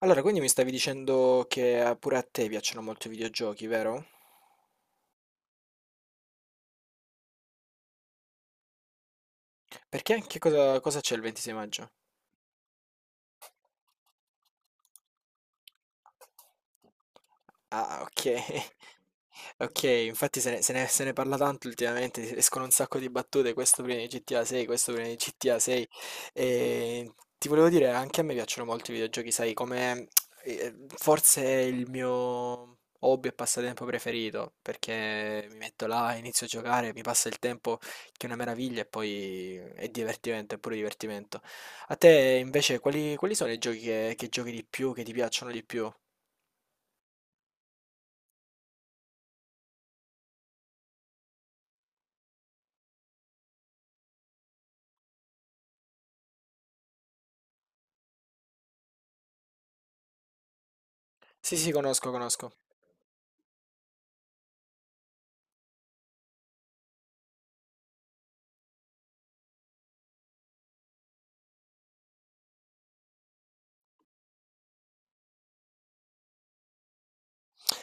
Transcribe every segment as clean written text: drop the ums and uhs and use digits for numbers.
Allora, quindi mi stavi dicendo che pure a te piacciono molto i videogiochi, vero? Perché che cosa c'è il 26 maggio? Ah, ok. Okay, infatti se ne parla tanto ultimamente, escono un sacco di battute, questo prima di GTA 6, questo prima di GTA 6. E ti volevo dire, anche a me piacciono molto i videogiochi, sai, come forse il mio hobby e passatempo preferito, perché mi metto là, inizio a giocare, mi passa il tempo che è una meraviglia e poi è divertimento, è pure divertimento. A te invece quali sono i giochi che giochi di più, che ti piacciono di più? Sì, sì, conosco, conosco.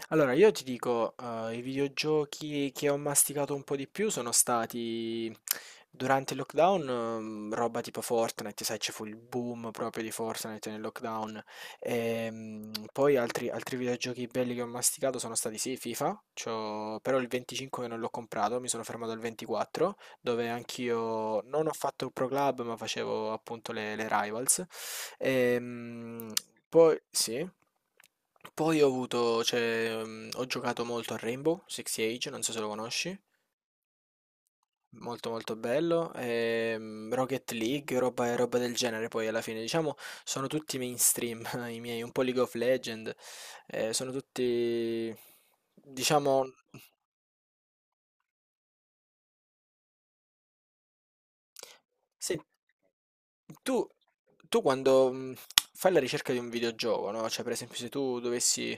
Allora, io ti dico, i videogiochi che ho masticato un po' di più sono stati durante il lockdown, roba tipo Fortnite, sai, ci fu il boom proprio di Fortnite nel lockdown. Poi altri videogiochi belli che ho masticato sono stati sì, FIFA, però il 25 non l'ho comprato, mi sono fermato al 24, dove anch'io non ho fatto il Pro Club, ma facevo appunto le Rivals. Ehm, Poi sì. Poi ho avuto, cioè, ho giocato molto a Rainbow Six Siege, non so se lo conosci, molto molto bello, Rocket League, roba del genere poi alla fine, diciamo, sono tutti mainstream i miei, un po' League of Legend, sono tutti diciamo. Sen tu tu quando, fai la ricerca di un videogioco, no, cioè per esempio se tu dovessi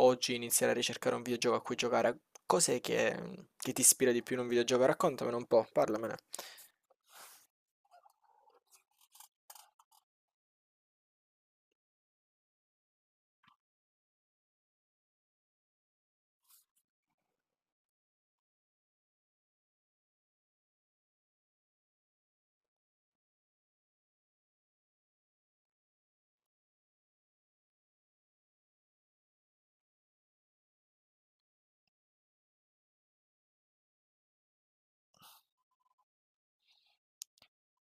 oggi iniziare a ricercare un videogioco a cui giocare, cos'è che ti ispira di più in un videogioco? Raccontamene un po', parlamene.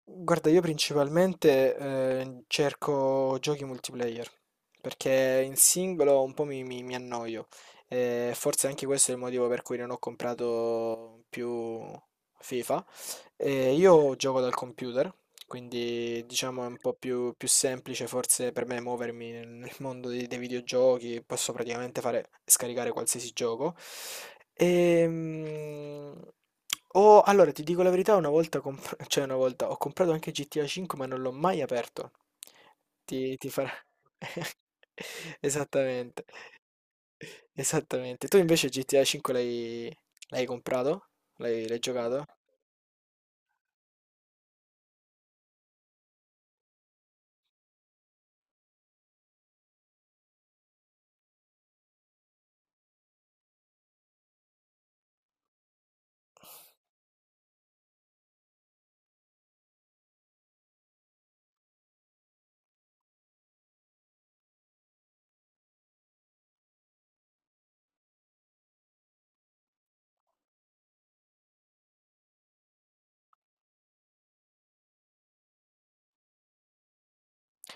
Guarda, io principalmente cerco giochi multiplayer, perché in singolo un po' mi annoio. E forse anche questo è il motivo per cui non ho comprato più FIFA. E io gioco dal computer, quindi diciamo è un po' più semplice forse per me muovermi nel mondo dei videogiochi, posso praticamente fare, scaricare qualsiasi gioco. Ehm, allora ti dico la verità, una volta, cioè una volta ho comprato anche GTA 5 ma non l'ho mai aperto. Ti farà. Esattamente, esattamente. Tu invece GTA 5 l'hai comprato? L'hai giocato?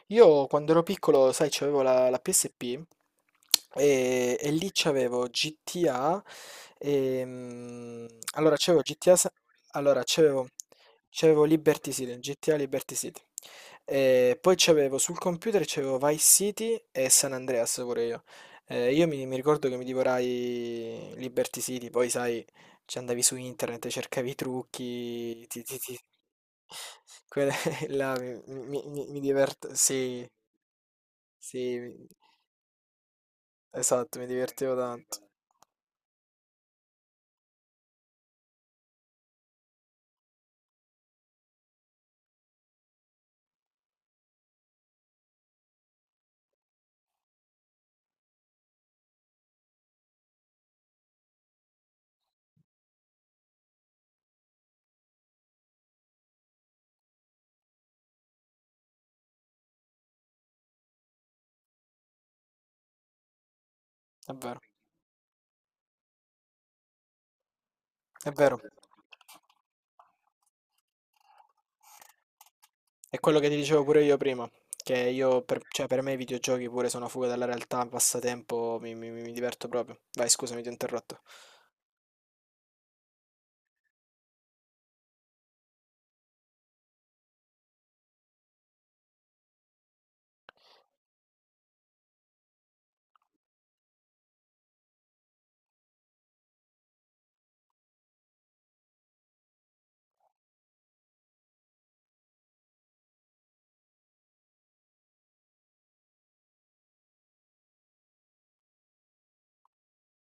Io quando ero piccolo, sai, c'avevo la PSP. E lì c'avevo GTA, ehm, allora c'avevo GTA, allora c'avevo Liberty City, GTA Liberty City, e poi c'avevo sul computer c'avevo Vice City e San Andreas pure io. Io mi ricordo che mi divorai Liberty City, poi sai, ci andavi su internet, cercavi i trucchi, quelle là sì, sì, esatto, mi divertivo tanto, è vero, è vero. È quello che ti dicevo pure io prima, che io per, cioè, per me i videogiochi pure sono fuga dalla realtà, un passatempo, mi diverto proprio. Vai, scusami, ti ho interrotto.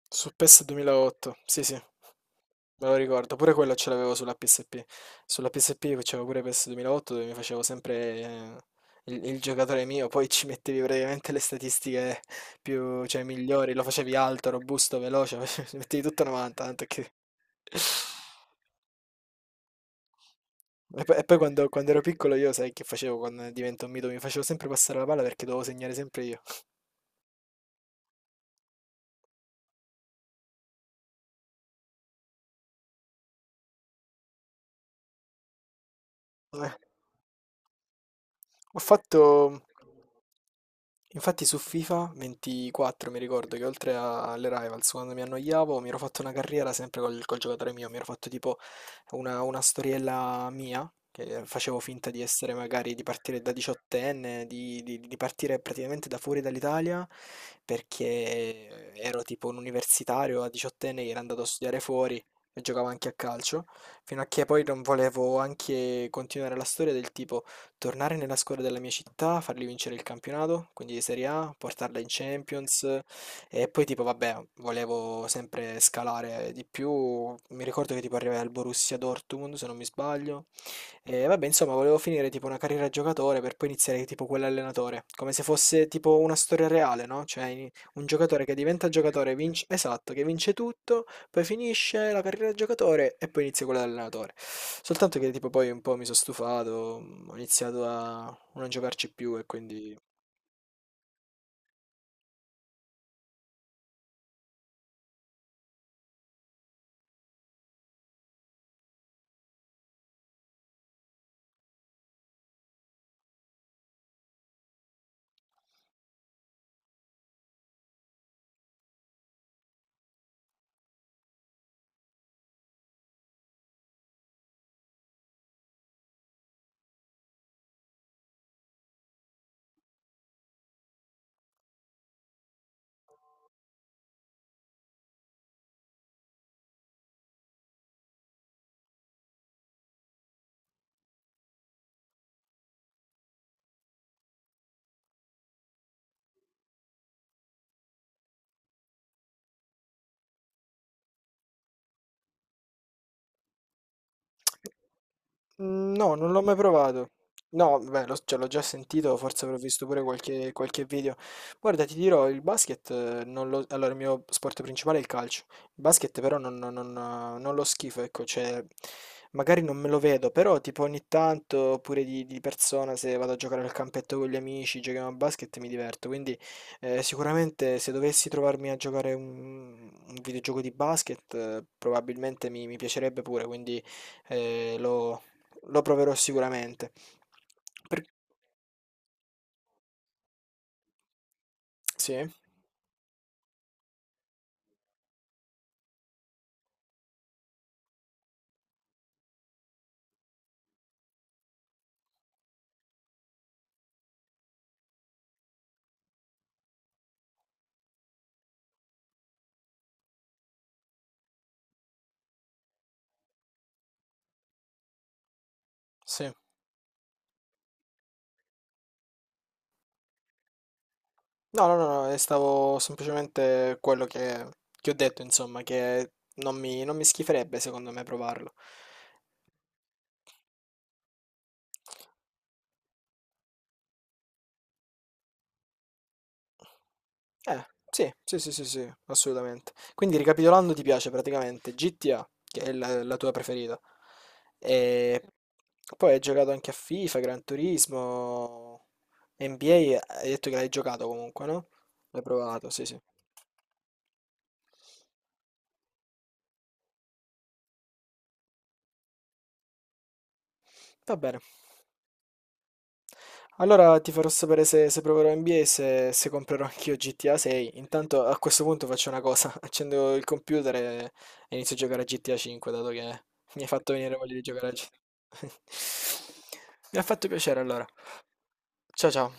Su PES 2008, sì sì, me lo ricordo, pure quello ce l'avevo sulla PSP. Sulla PSP facevo pure PES 2008 dove mi facevo sempre eh, il giocatore mio, poi ci mettevi praticamente le statistiche più, cioè, migliori, lo facevi alto, robusto, veloce, ci mettevi tutto 90, tanto che. E poi quando ero piccolo io sai che facevo quando divento un mito? Mi facevo sempre passare la palla perché dovevo segnare sempre io. Eh, Ho fatto. Infatti su FIFA 24 mi ricordo che oltre alle Rivals, quando mi annoiavo, mi ero fatto una carriera sempre col giocatore mio, mi ero fatto tipo una storiella mia, che facevo finta di essere magari di partire da diciottenne, di partire praticamente da fuori dall'Italia, perché ero tipo un universitario a diciottenne che era andato a studiare fuori e giocavo anche a calcio, fino a che poi non volevo anche continuare la storia del tipo. Tornare nella squadra della mia città, fargli vincere il campionato, quindi di Serie A, portarla in Champions e poi tipo vabbè, volevo sempre scalare di più, mi ricordo che tipo arrivai al Borussia Dortmund se non mi sbaglio e vabbè insomma volevo finire tipo una carriera da giocatore per poi iniziare tipo quell'allenatore, come se fosse tipo una storia reale, no? Cioè un giocatore che diventa giocatore, vince, esatto, che vince tutto poi finisce la carriera da giocatore e poi inizia quella da allenatore. Soltanto che tipo poi un po' mi sono stufato, ho iniziato a non giocarci più e quindi. Mm, no, non l'ho mai provato. No, beh, cioè, l'ho già sentito, forse avrò visto pure qualche video. Guarda, ti dirò, il basket, non lo, allora il mio sport principale è il calcio. Il basket però non lo schifo, ecco, cioè, magari non me lo vedo, però tipo ogni tanto, oppure di persona, se vado a giocare al campetto con gli amici, giochiamo a basket, mi diverto. Quindi sicuramente se dovessi trovarmi a giocare un videogioco di basket, probabilmente mi piacerebbe pure, quindi. Eh, lo, lo proverò sicuramente. Per- Sì, sì. No, no, no, no, stavo semplicemente quello che ho detto, insomma, che non mi schiferebbe secondo me provarlo. Eh, sì, sì, sì, sì, sì, assolutamente. Quindi ricapitolando, ti piace praticamente GTA, che è la tua preferita. E poi hai giocato anche a FIFA, Gran Turismo, NBA, hai detto che l'hai giocato comunque, no? L'hai provato, sì, sì. Va bene. Allora ti farò sapere se proverò NBA e se comprerò anch'io GTA 6. Intanto a questo punto faccio una cosa, accendo il computer e inizio a giocare a GTA 5, dato che mi hai fatto venire voglia di giocare a GTA. Mi ha fatto piacere allora. Ciao ciao.